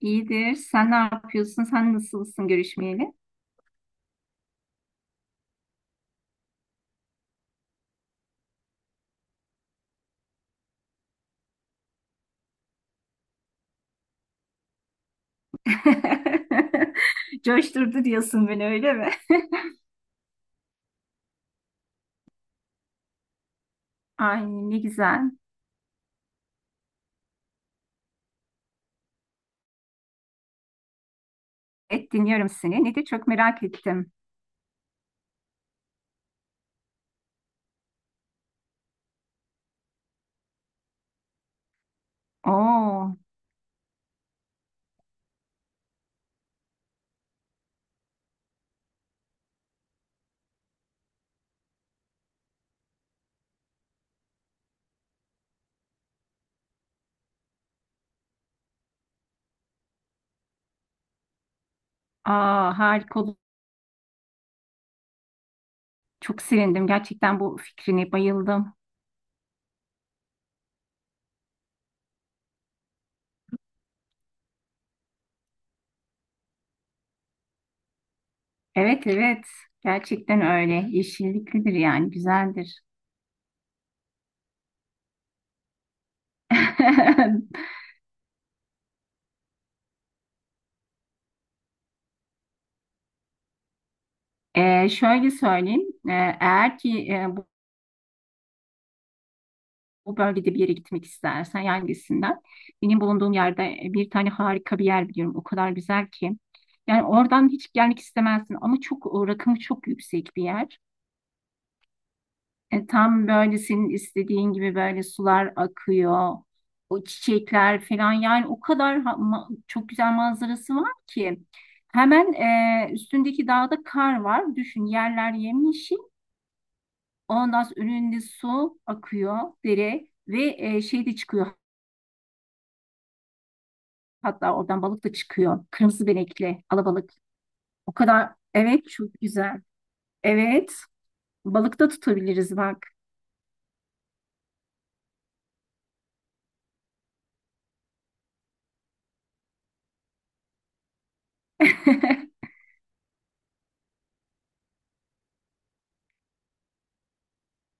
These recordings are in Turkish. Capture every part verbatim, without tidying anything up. İyidir. Sen ne yapıyorsun? Sen nasılsın görüşmeyeli? Coşturdu diyorsun beni öyle mi? Ay ne güzel. Evet dinliyorum seni. Ne de çok merak ettim. Oo, aa, harika oldu. Çok sevindim. Gerçekten bu fikrine bayıldım. Evet, evet. Gerçekten öyle. Yeşilliklidir yani. Güzeldir. Ee, şöyle söyleyeyim. Ee, Eğer ki e, bu bölgede bir yere gitmek istersen, yani hangisinden? Benim bulunduğum yerde e, bir tane harika bir yer biliyorum. O kadar güzel ki. Yani oradan hiç gelmek istemezsin, ama çok rakımı çok yüksek bir yer. E, tam böyle senin istediğin gibi böyle sular akıyor. O çiçekler falan, yani o kadar ha- ma- çok güzel manzarası var ki. Hemen e, üstündeki dağda kar var. Düşün, yerler yemyeşil. Ondan sonra önünde su akıyor, dere ve e, şey de çıkıyor. Hatta oradan balık da çıkıyor. Kırmızı benekli, alabalık. O kadar, evet, çok güzel. Evet. Balık da tutabiliriz bak.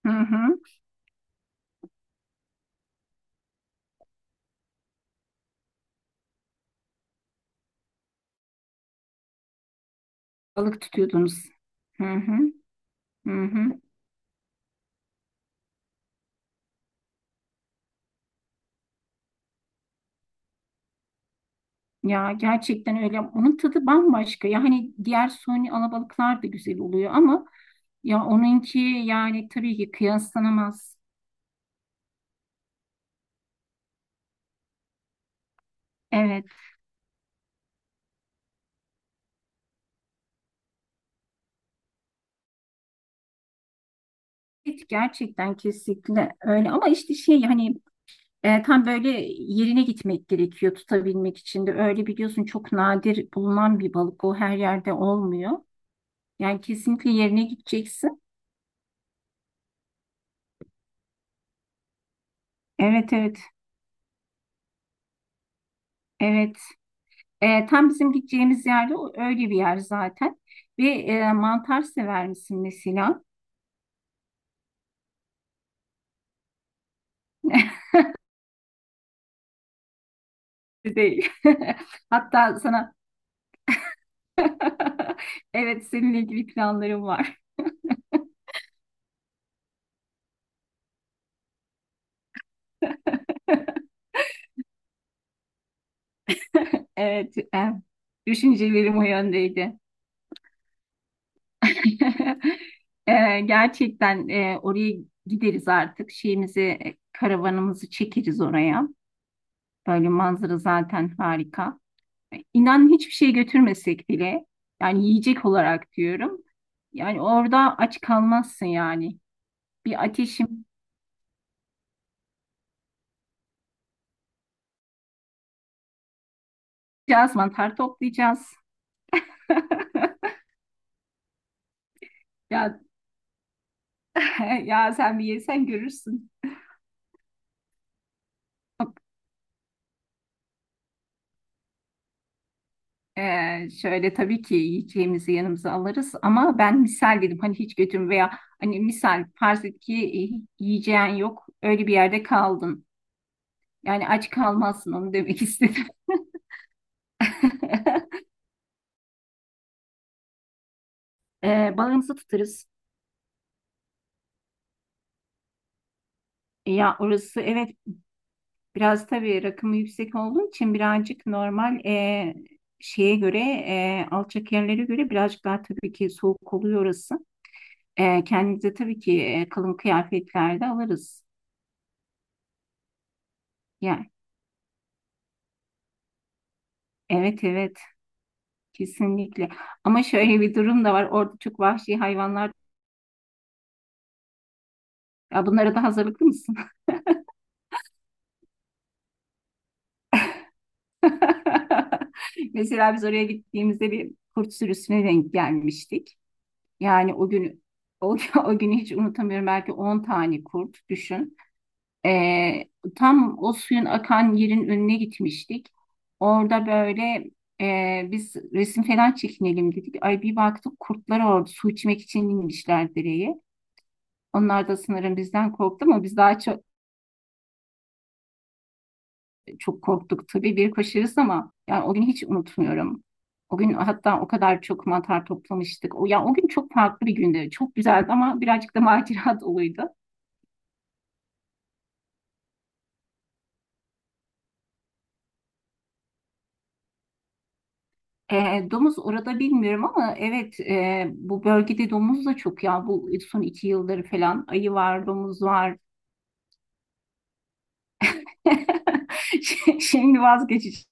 Hı hı. Balık tutuyordunuz. Hı hı. Hı hı. Ya, gerçekten öyle. Onun tadı bambaşka. Ya hani diğer suni alabalıklar da güzel oluyor ama ya onunki, yani tabii ki kıyaslanamaz. Evet. Evet, gerçekten kesinlikle öyle, ama işte şey hani E, tam böyle yerine gitmek gerekiyor tutabilmek için de. Öyle biliyorsun, çok nadir bulunan bir balık. O her yerde olmuyor. Yani kesinlikle yerine gideceksin. Evet, evet, evet. E, tam bizim gideceğimiz yerde o- öyle bir yer zaten. Ve e, mantar sever misin mesela? Değil. Hatta sana evet, seninle ilgili planlarım var. Evet, e, düşüncelerim o yöndeydi. Ee, gerçekten e, oraya gideriz artık. Şeyimizi, e, karavanımızı çekeriz oraya. Böyle manzara zaten harika. E, İnan hiçbir şey götürmesek bile, yani yiyecek olarak diyorum. Yani orada aç kalmazsın yani. Bir ateşim, biraz mantar toplayacağız. Ya, ya sen bir yesen görürsün. Ee, şöyle tabii ki yiyeceğimizi yanımıza alırız, ama ben misal dedim, hani hiç götürme veya hani misal farz et ki e, yiyeceğin yok, öyle bir yerde kaldın. Yani aç kalmazsın, onu demek istedim. Ee, balığımızı tutarız. Ya orası, evet, biraz tabii rakımı yüksek olduğu için birazcık normal e, şeye göre, e, alçak yerlere göre birazcık daha tabii ki soğuk oluyor orası. E, kendimize tabii ki e, kalın kıyafetlerde alırız. Yani evet, evet. Kesinlikle. Ama şöyle bir durum da var. Orada çok vahşi hayvanlar. Ya bunlara da hazırlıklı mısın? Mesela biz oraya gittiğimizde bir kurt sürüsüne denk gelmiştik. Yani o günü o, o günü hiç unutamıyorum. Belki on tane kurt düşün. Ee, Tam o suyun akan yerin önüne gitmiştik. Orada böyle e, biz resim falan çekinelim dedik. Ay bir baktık, kurtlar orada su içmek için inmişler dereye. Onlar da sanırım bizden korktu, ama biz daha çok Çok korktuk tabii, bir aşırısı, ama yani o günü hiç unutmuyorum. O gün hatta o kadar çok mantar toplamıştık. O, yani o gün çok farklı bir gündü. Çok güzeldi, ama birazcık da macera doluydu. E, domuz orada bilmiyorum, ama evet, e, bu bölgede domuz da çok, ya bu son iki yıldır falan ayı var, domuz var. Ş- Şimdi vazgeçeceksin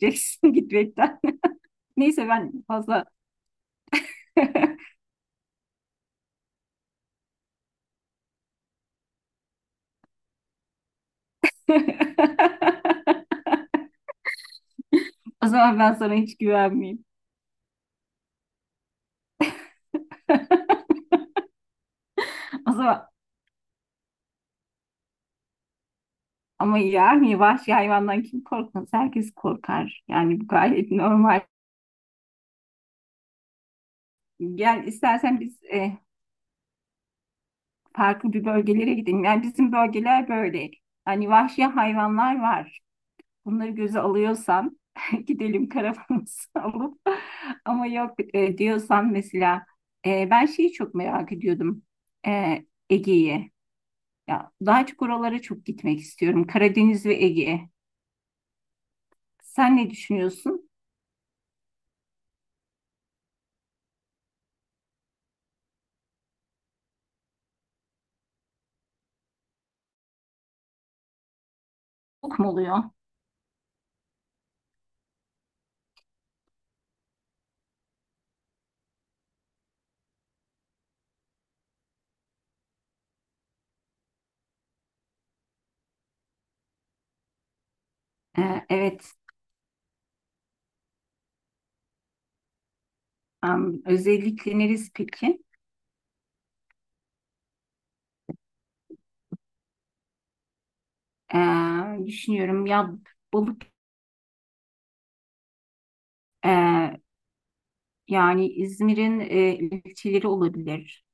gitmekten. Neyse ben fazla. O zaman ben sana hiç güvenmeyeyim. O zaman. Ama yani vahşi hayvandan kim korkmaz? Herkes korkar. Yani bu gayet normal. Gel istersen biz e, farklı bir bölgelere gidelim. Yani bizim bölgeler böyle. Hani vahşi hayvanlar var. Bunları göze alıyorsan gidelim karavanımızı alıp. Ama yok e, diyorsan, mesela e, ben şeyi çok merak ediyordum. E, Ege'yi. Ya daha çok oralara çok gitmek istiyorum. Karadeniz ve Ege. Sen ne düşünüyorsun? Çok mu oluyor? E, evet. Em, özellikle neresi peki? Em, düşünüyorum ya, balık e, yani İzmir'in e, ilçeleri olabilir.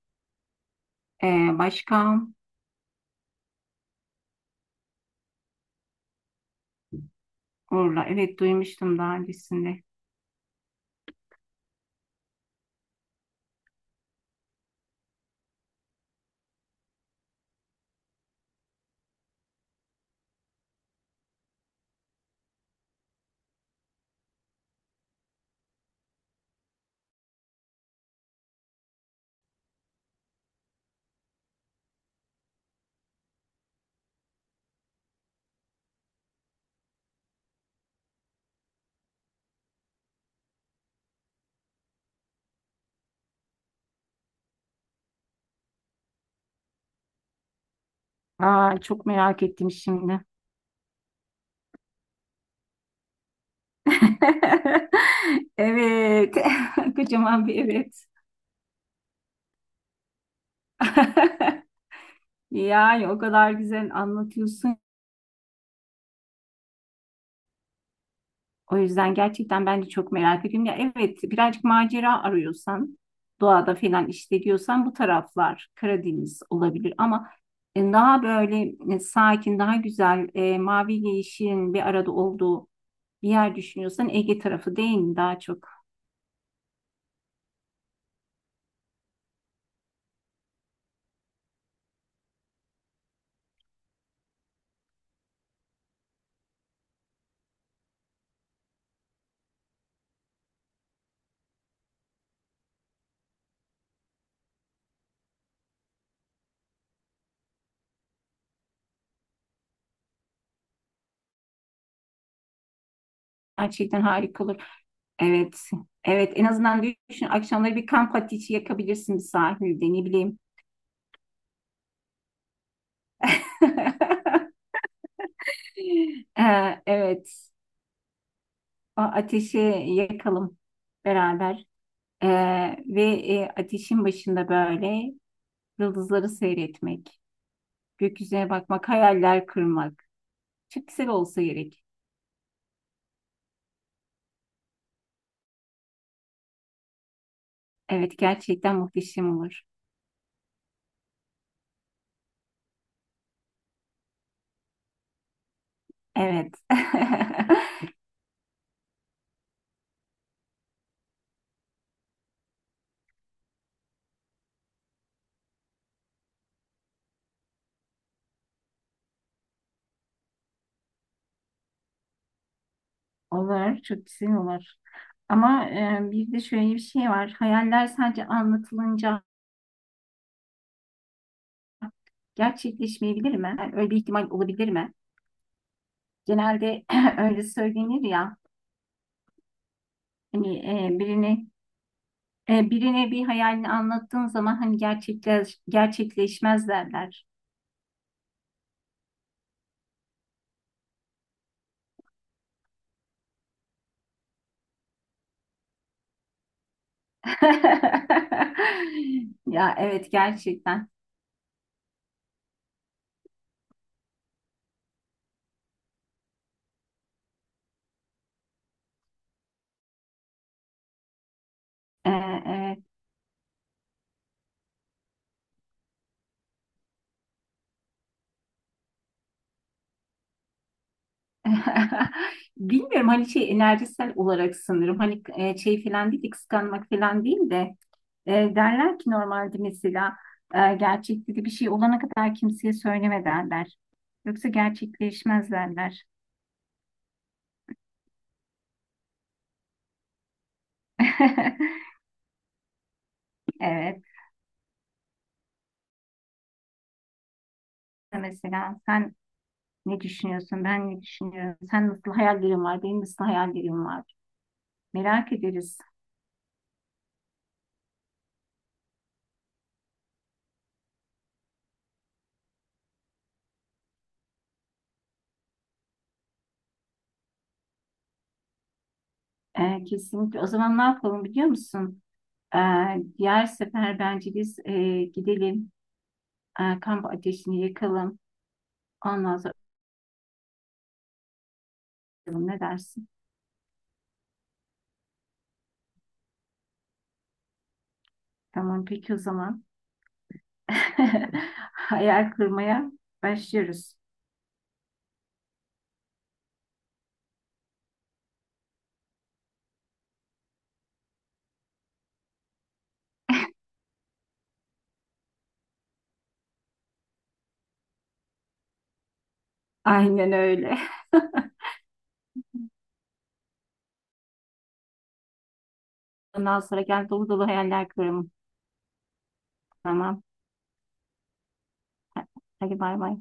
E, Başka oralar. Evet, duymuştum daha öncesinde. Aa, çok merak ettim şimdi. Evet. Kocaman bir evet. Yani o kadar güzel anlatıyorsun. O yüzden gerçekten ben de çok merak ediyorum. Ya evet, birazcık macera arıyorsan, doğada falan işte diyorsan, bu taraflar Karadeniz olabilir, ama e, daha böyle e, sakin, daha güzel, e, maviyle yeşilin bir arada olduğu bir yer düşünüyorsan, Ege tarafı değil mi daha çok? Gerçekten harika olur. Evet. Evet, en azından düşün, akşamları bir kamp ateşi yakabilirsin bir sahilde, ne bileyim. Ee, Evet. O ateşi yakalım beraber. Ee, ve e, ateşin başında böyle yıldızları seyretmek, gökyüzüne bakmak, hayaller kurmak. Çok güzel olsa gerek. Evet, gerçekten muhteşem olur. Evet. Olur, çok güzel olur. Ama e, bir de şöyle bir şey var. Hayaller sadece anlatılınca gerçekleşmeyebilir mi? Yani öyle bir ihtimal olabilir mi? Genelde öyle söylenir ya. Hani e, birini E, birine bir hayalini anlattığın zaman, hani gerçekleş, gerçekleşmez derler. Ya, evet, gerçekten. Ee, E, evet. Bilmiyorum, hani şey enerjisel olarak sanırım. Hani e, şey falan değil de, kıskanmak falan değil de, e, derler ki normalde mesela e, gerçekte de bir şey olana kadar kimseye söyleme derler. Yoksa gerçekleşmez derler. Evet. Mesela sen, ne düşünüyorsun? Ben ne düşünüyorum? Sen nasıl hayal gücün var? Benim nasıl hayal gücüm var? Merak ederiz. Ee, kesinlikle. O zaman ne yapalım, biliyor musun? Ee, Diğer sefer bence biz e, gidelim. Ee, kamp ateşini yakalım. Ondan sonra bakalım, ne dersin? Tamam, peki o zaman. Hayal kurmaya başlıyoruz. Aynen öyle. Ondan sonra gel, dolu dolu hayaller kuralım. Tamam. Hadi bay bay.